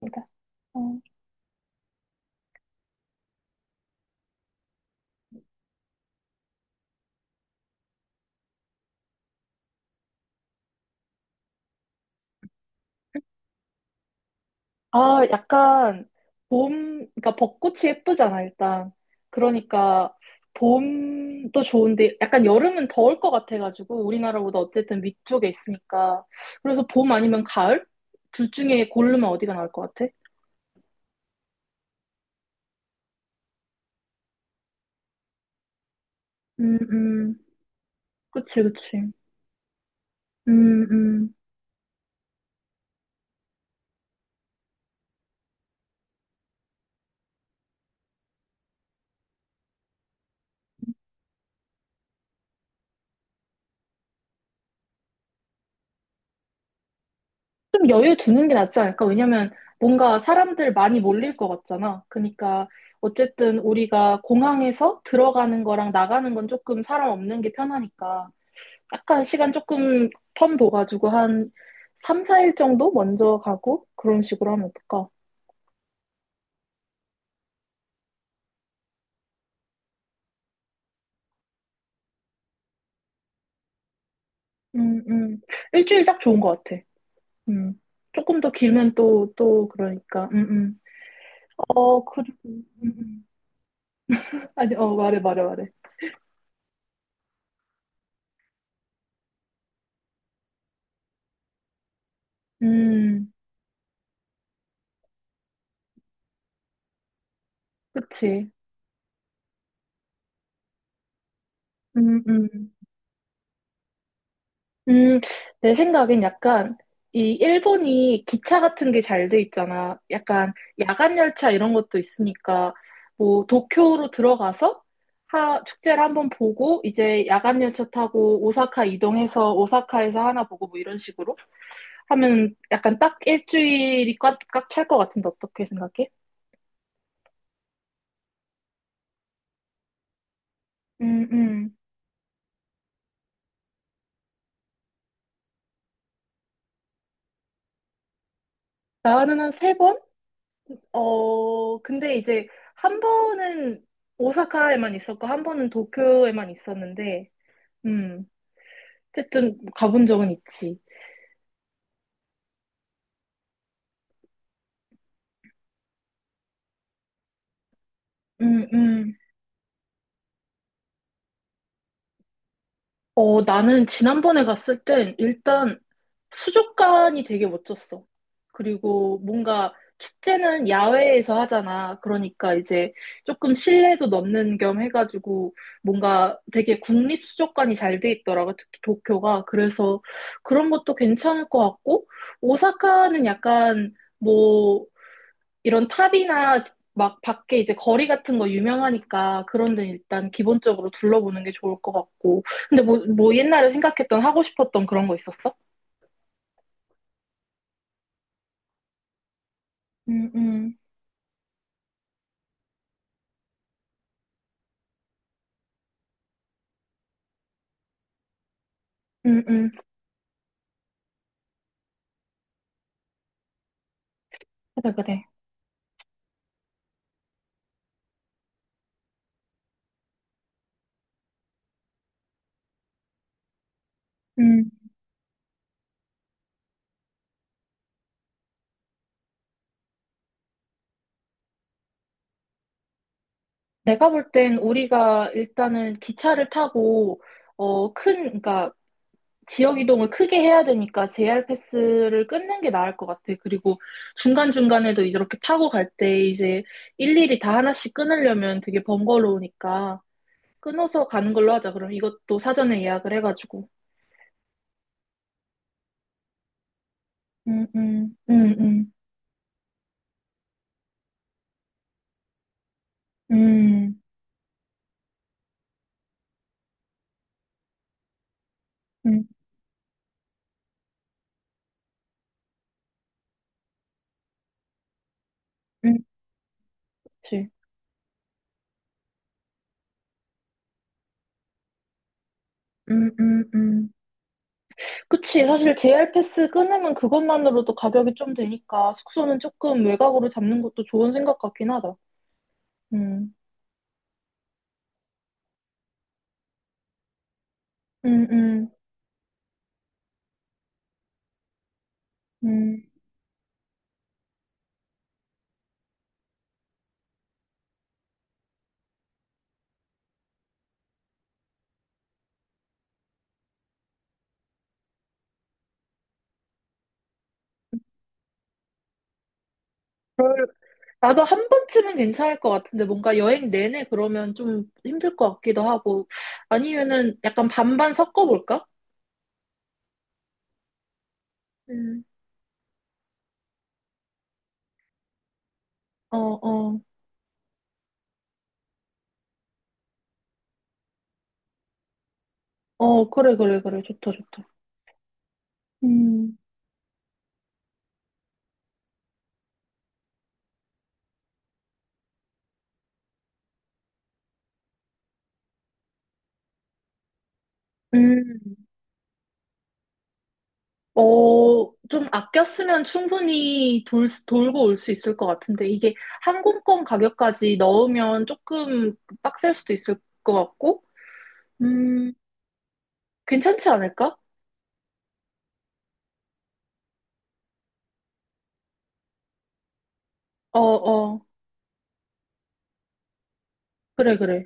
그러니까, 어. 아, 약간 봄, 그러니까 벚꽃이 예쁘잖아, 일단. 그러니까 봄도 좋은데 약간 여름은 더울 것 같아가지고 우리나라보다 어쨌든 위쪽에 있으니까. 그래서 봄 아니면 가을? 둘 중에 고르면 어디가 나을 것 같아? 음, 음. 그치, 그치. 음, 음. 좀 여유 두는 게 낫지 않을까? 왜냐면 뭔가 사람들 많이 몰릴 것 같잖아. 그러니까 어쨌든 우리가 공항에서 들어가는 거랑 나가는 건 조금 사람 없는 게 편하니까 약간 시간 조금 텀 둬가지고 한 3, 4일 정도 먼저 가고 그런 식으로 하면 어떨까? 음, 음. 일주일 딱 좋은 것 같아. 음. 조금 더 길면 또, 또 그러니까. 음. 어, 그리고. 아니, 어, 말해, 말해, 말해. 음, 그치. 음, 음. 음, 내 생각엔 약간 이 일본이 기차 같은 게 잘 돼 있잖아. 약간 야간 열차 이런 것도 있으니까 뭐 도쿄로 들어가서 하, 축제를 한번 보고 이제 야간 열차 타고 오사카 이동해서 오사카에서 하나 보고 뭐 이런 식으로 하면 약간 딱 일주일이 꽉꽉 찰 것 같은데 어떻게 생각해? 음, 음. 나는 한 세 번? 어, 근데 이제 한 번은 오사카에만 있었고 한 번은 도쿄에만 있었는데 음, 어쨌든 가본 적은 있지. 음, 음. 어, 나는 지난번에 갔을 땐 일단 수족관이 되게 멋졌어. 그리고 뭔가 축제는 야외에서 하잖아. 그러니까 이제 조금 실내도 넣는 겸 해가지고 뭔가 되게 국립 수족관이 잘 돼 있더라고. 특히 도쿄가. 그래서 그런 것도 괜찮을 것 같고, 오사카는 약간 뭐 이런 탑이나 막 밖에 이제 거리 같은 거 유명하니까 그런 데는 일단 기본적으로 둘러보는 게 좋을 것 같고. 근데 뭐, 뭐 옛날에 생각했던 하고 싶었던 그런 거 있었어? 음, 음, 음, 음, 그래, 그래. 음, 내가 볼 땐 우리가 일단은 기차를 타고, 어, 큰, 그러니까 지역 이동을 크게 해야 되니까 JR 패스를 끊는 게 나을 것 같아. 그리고 중간중간에도 이렇게 타고 갈 때 이제 일일이 다 하나씩 끊으려면 되게 번거로우니까. 끊어서 가는 걸로 하자. 그럼 이것도 사전에 예약을 해가지고. 음, 음, 음, 음, 음, 음, 음, 음, 그치. 음, 음, 음. 그치. 사실 JR 패스 끊으면 그것만으로도 가격이 좀 되니까 숙소는 조금 외곽으로 잡는 것도 좋은 생각 같긴 하다. 음, 음, 음, 음. 나도 한 번쯤은 괜찮을 것 같은데 뭔가 여행 내내 그러면 좀 힘들 것 같기도 하고 아니면은 약간 반반 섞어볼까? 음, 어, 어, 어, 그래, 그래, 그래. 좋다, 좋다. 음. 음, 어, 좀 아꼈으면 충분히 돌고 올 수 있을 것 같은데, 이게 항공권 가격까지 넣으면 조금 빡셀 수도 있을 것 같고, 음, 괜찮지 않을까? 어, 어, 그래, 그래.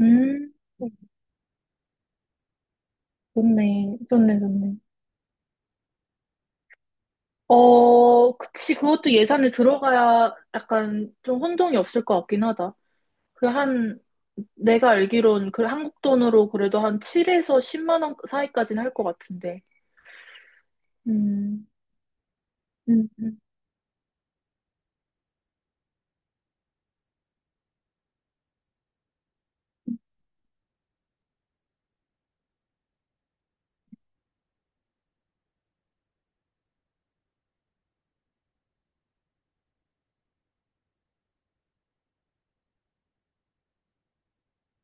음, 좋네, 좋네, 좋네. 어, 그치, 그것도 예산에 들어가야 약간 좀 혼동이 없을 것 같긴 하다. 그 한, 내가 알기론 그 한국 돈으로 그래도 한 7에서 10만 원 사이까지는 할 것 같은데. 음, 음, 음,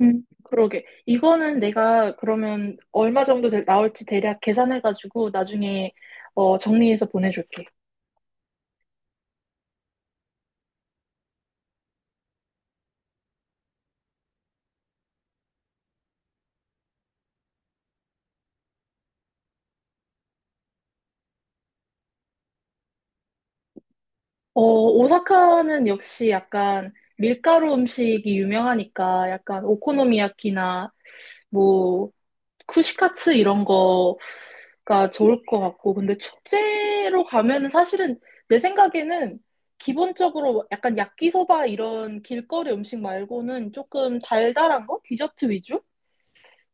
그러게. 이거는 내가 그러면 얼마 정도 나올지 대략 계산해가지고 나중에 어, 정리해서 보내줄게. 어, 오사카는 역시 약간 밀가루 음식이 유명하니까 약간 오코노미야키나 뭐 쿠시카츠 이런 거가 좋을 것 같고, 근데 축제로 가면은 사실은 내 생각에는 기본적으로 약간 야끼소바 이런 길거리 음식 말고는 조금 달달한 거? 디저트 위주?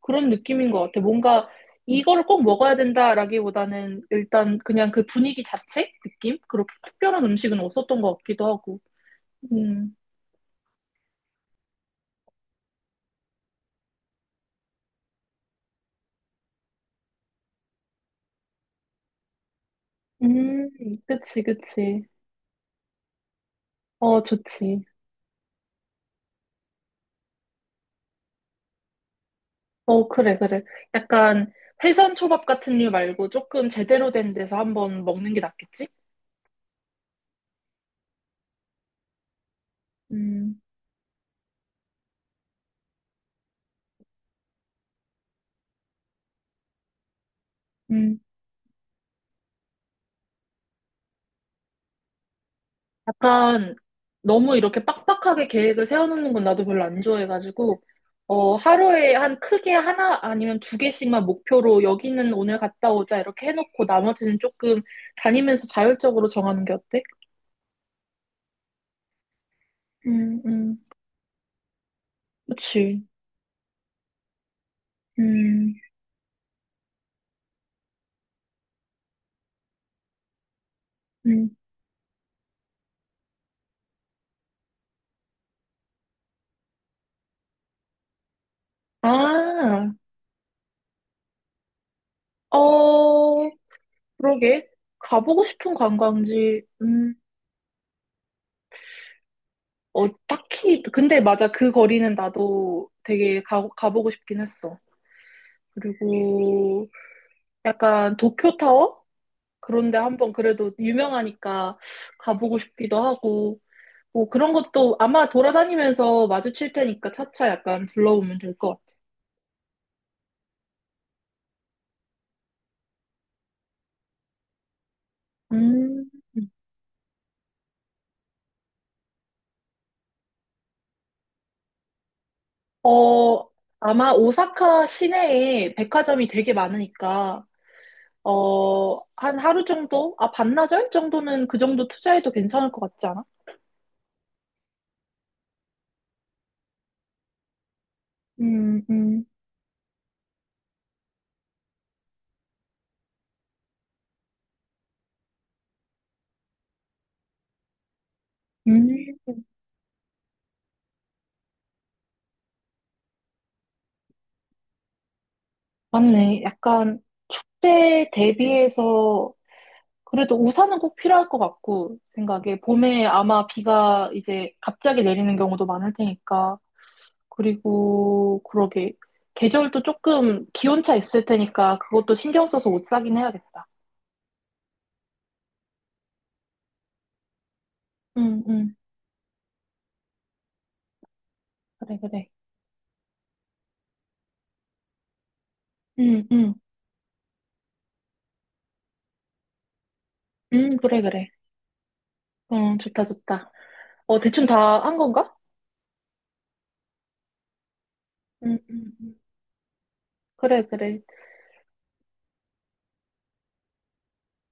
그런 느낌인 것 같아. 뭔가 이걸 꼭 먹어야 된다라기보다는 일단 그냥 그 분위기 자체? 느낌? 그렇게 특별한 음식은 없었던 것 같기도 하고. 음, 음, 그치, 그치. 어, 좋지. 어, 그래, 그래. 약간 회선 초밥 같은 류 말고 조금 제대로 된 데서 한번 먹는 게 낫겠지? 음, 음, 약간 너무 이렇게 빡빡하게 계획을 세워놓는 건 나도 별로 안 좋아해가지고, 어, 하루에 한 크게 하나 아니면 두 개씩만 목표로 여기는 오늘 갔다 오자 이렇게 해놓고 나머지는 조금 다니면서 자율적으로 정하는 게 어때? 음, 음, 그치. 음, 음. 아, 어, 그러게. 가보고 싶은 관광지, 어, 딱히, 근데 맞아. 그 거리는 나도 되게 가보고 싶긴 했어. 그리고 약간 도쿄타워? 그런데 한번 그래도 유명하니까 가보고 싶기도 하고, 뭐 그런 것도 아마 돌아다니면서 마주칠 테니까 차차 약간 둘러보면 될 것 같아. 음, 어, 아마 오사카 시내에 백화점이 되게 많으니까, 어, 한 하루 정도? 아, 반나절 정도는 그 정도 투자해도 괜찮을 것 같지 않아? 음, 음, 음, 맞네. 약간 축제 대비해서 그래도 우산은 꼭 필요할 것 같고, 생각에. 봄에 아마 비가 이제 갑자기 내리는 경우도 많을 테니까. 그리고, 그러게. 계절도 조금 기온차 있을 테니까 그것도 신경 써서 옷 사긴 해야겠다. 응, 응. 그래, 그래. 응, 응. 응, 그래, 그래. 응, 좋다, 좋다. 어, 대충 다 한 건가? 음, 음, 음. 그래, 그래.